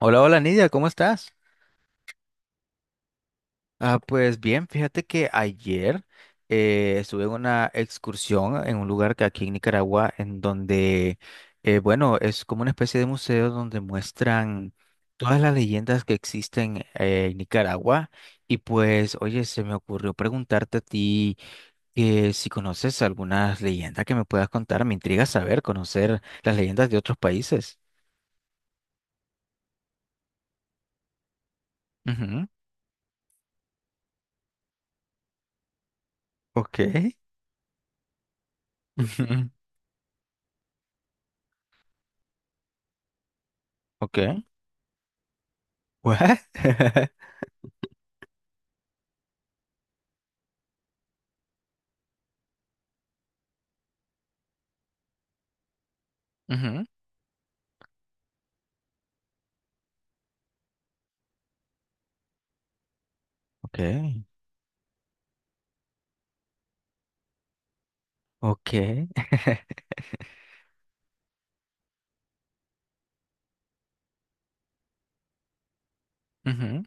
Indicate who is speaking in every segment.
Speaker 1: Hola, hola Nidia, ¿cómo estás? Ah, pues bien, fíjate que ayer estuve en una excursión en un lugar que aquí en Nicaragua, en donde, bueno, es como una especie de museo donde muestran todas las leyendas que existen en Nicaragua. Y pues, oye, se me ocurrió preguntarte a ti que si conoces algunas leyendas que me puedas contar. Me intriga saber, conocer las leyendas de otros países. Ujú. Ok. Ujú. Ok. ¿What? Ujú. Ok, ok. Ujú.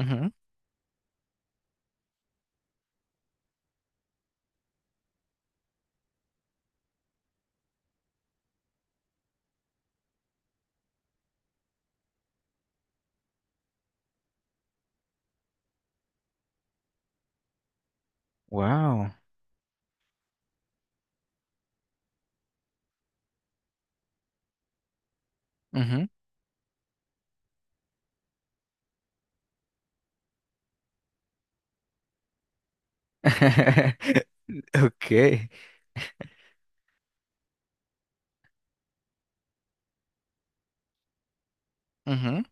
Speaker 1: Ujú. Wow. Ujú. Ok, ujú,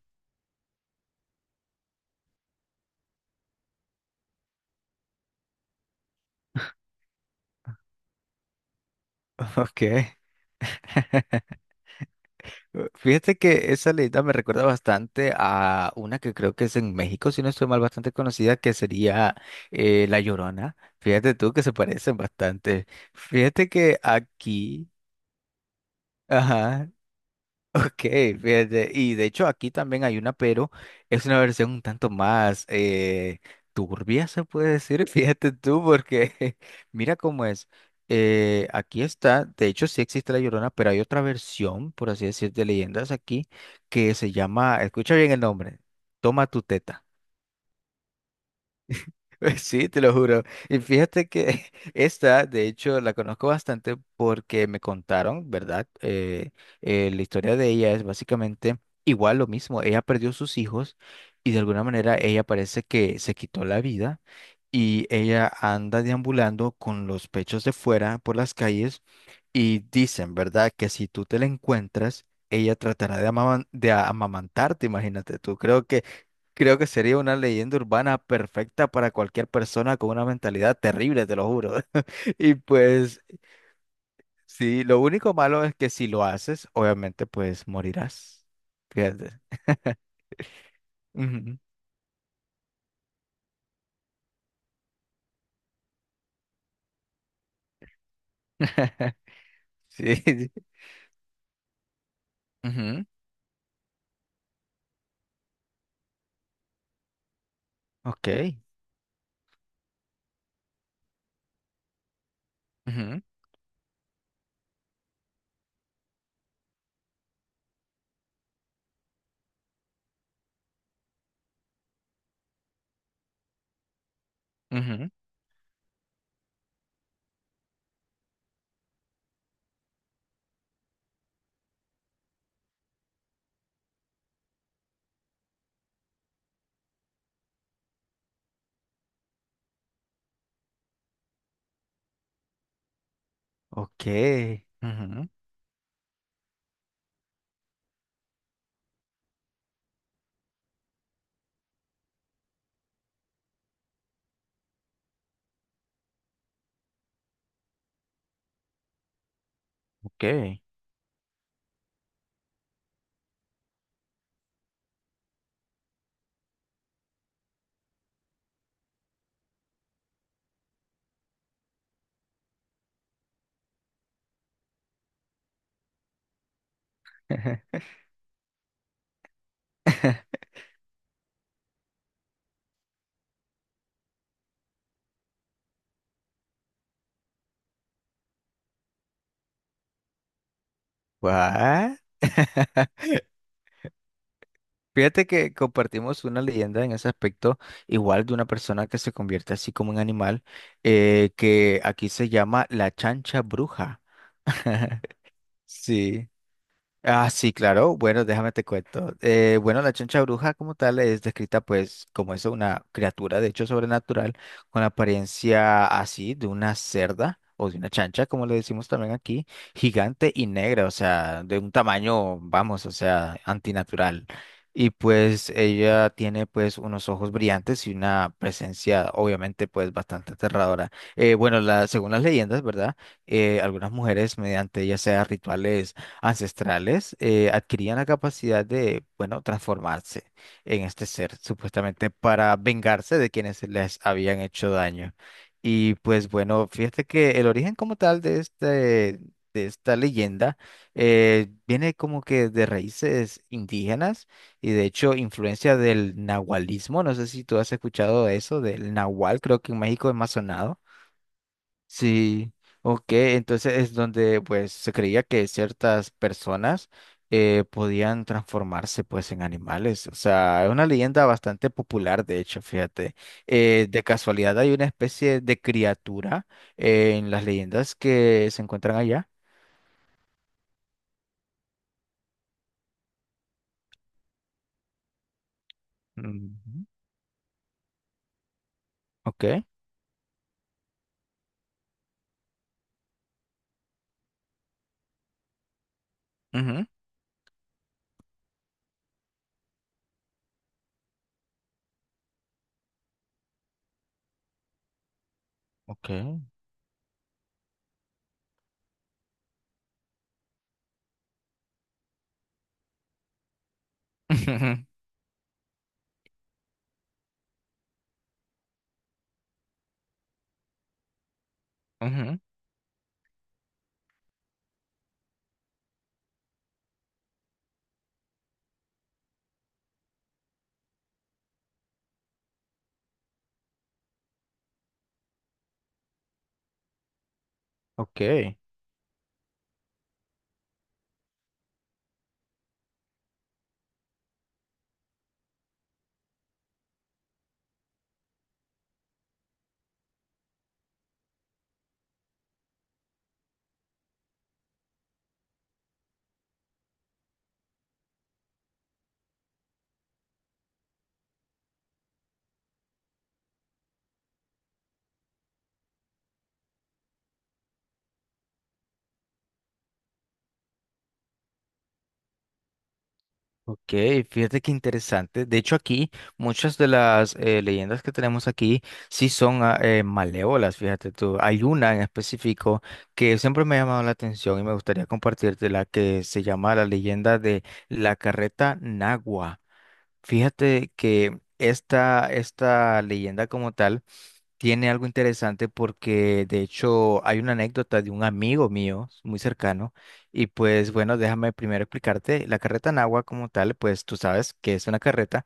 Speaker 1: ok. Fíjate que esa leyenda me recuerda bastante a una que creo que es en México, si no estoy mal, bastante conocida, que sería La Llorona. Fíjate tú que se parecen bastante. Fíjate que aquí, ajá, ok, fíjate, y de hecho aquí también hay una, pero es una versión un tanto más turbia, se puede decir, fíjate tú, porque mira cómo es. Aquí está, de hecho sí existe La Llorona, pero hay otra versión, por así decir, de leyendas aquí, que se llama, escucha bien el nombre, Toma tu teta. Sí, te lo juro. Y fíjate que esta, de hecho, la conozco bastante porque me contaron, ¿verdad? La historia de ella es básicamente igual lo mismo. Ella perdió sus hijos y de alguna manera ella parece que se quitó la vida y ella anda deambulando con los pechos de fuera por las calles y dicen, ¿verdad? Que si tú te la encuentras, ella tratará de, amaman- de a- amamantarte, imagínate tú. Creo que sería una leyenda urbana perfecta para cualquier persona con una mentalidad terrible, te lo juro. Y pues, sí, lo único malo es que si lo haces, obviamente, pues morirás. Fíjate. Ujú. Sí, sí. Ujú. Ok. Ujú. Ujú. Ok. Ujú. Ok. ¿What? Fíjate que compartimos una leyenda en ese aspecto, igual de una persona que se convierte así como un animal, que aquí se llama la chancha bruja. Sí. Ah, sí, claro. Bueno, déjame te cuento. Bueno, la choncha bruja como tal es descrita pues como eso, una criatura de hecho sobrenatural con apariencia así de una cerda o de una chancha, como le decimos también aquí, gigante y negra, o sea, de un tamaño, vamos, o sea, antinatural. Y pues ella tiene pues unos ojos brillantes y una presencia obviamente pues bastante aterradora. Bueno, la, según las leyendas, ¿verdad? Algunas mujeres mediante ya sea rituales ancestrales adquirían la capacidad de, bueno, transformarse en este ser, supuestamente para vengarse de quienes les habían hecho daño. Y pues bueno, fíjate que el origen como tal de esta leyenda viene como que de raíces indígenas y de hecho influencia del nahualismo. No sé si tú has escuchado eso, del nahual, creo que en México es más sonado. Sí, ok, entonces es donde pues se creía que ciertas personas podían transformarse pues en animales, o sea, es una leyenda bastante popular de hecho, fíjate. De casualidad hay una especie de criatura en las leyendas que se encuentran allá. Ujú. Ok, ujú, ok, ujú, ujú, ok. Ok, fíjate qué interesante. De hecho, aquí muchas de las leyendas que tenemos aquí sí son ah, malévolas, fíjate tú. Hay una en específico que siempre me ha llamado la atención y me gustaría compartirte la que se llama la leyenda de la carreta Nagua. Fíjate que esta leyenda como tal tiene algo interesante porque de hecho hay una anécdota de un amigo mío muy cercano y pues bueno, déjame primero explicarte, la carreta en agua como tal, pues tú sabes que es una carreta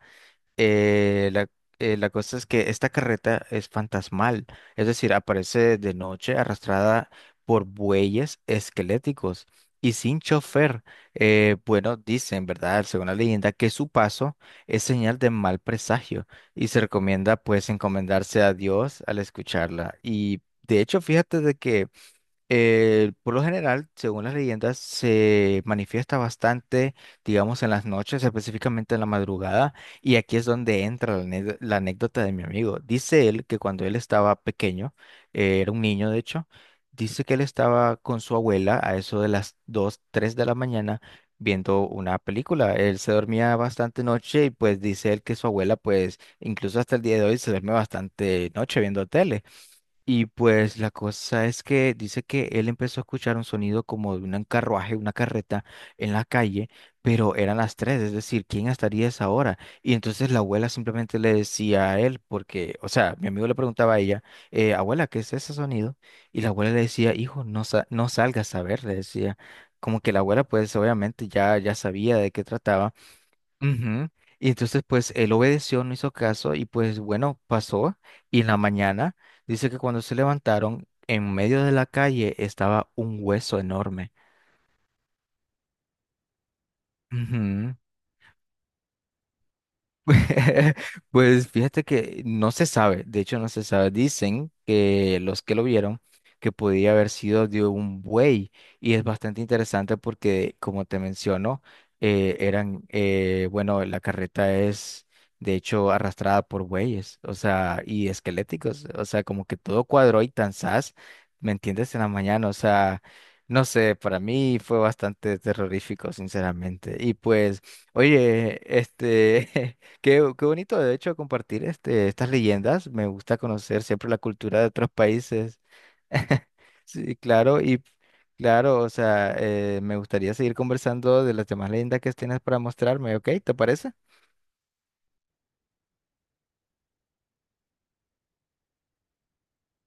Speaker 1: eh, la, la cosa es que esta carreta es fantasmal, es decir, aparece de noche arrastrada por bueyes esqueléticos y sin chofer. Bueno, dicen, ¿verdad? Según la leyenda, que su paso es señal de mal presagio y se recomienda pues encomendarse a Dios al escucharla. Y de hecho, fíjate de que... Por lo general, según las leyendas, se manifiesta bastante, digamos, en las noches, específicamente en la madrugada, y aquí es donde entra la, ane- la anécdota de mi amigo. Dice él que cuando él estaba pequeño, era un niño de hecho, dice que él estaba con su abuela a eso de las 2, 3 de la mañana viendo una película. Él se dormía bastante noche y pues dice él que su abuela, pues incluso hasta el día de hoy, se duerme bastante noche viendo tele. Y pues la cosa es que dice que él empezó a escuchar un sonido como de un carruaje, una carreta en la calle, pero eran las tres, es decir, ¿quién estaría a esa hora? Y entonces la abuela simplemente le decía a él, porque, o sea, mi amigo le preguntaba a ella, abuela, ¿qué es ese sonido? Y la abuela le decía, hijo, no, sa- no salgas a ver, le decía, como que la abuela pues obviamente ya sabía de qué trataba. Ujú. Y entonces, pues, él obedeció, no hizo caso y pues, bueno, pasó. Y en la mañana, dice que cuando se levantaron, en medio de la calle estaba un hueso enorme. Ujú. Pues fíjate que no se sabe, de hecho no se sabe. Dicen que los que lo vieron que podía haber sido de un buey y es bastante interesante porque como te menciono, bueno, la carreta es de hecho arrastrada por bueyes, o sea, y esqueléticos, o sea, como que todo cuadró y tan zas, ¿me entiendes? En la mañana, o sea, no sé, para mí fue bastante terrorífico, sinceramente. Y pues, oye, este... qué bonito, de hecho, compartir estas leyendas. Me gusta conocer siempre la cultura de otros países. Sí, claro, y claro, o sea, me gustaría seguir conversando de las demás leyendas que tienes para mostrarme, ¿ok? ¿Te parece?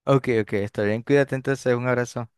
Speaker 1: Ok, ok, está bien, cuídate entonces, un abrazo.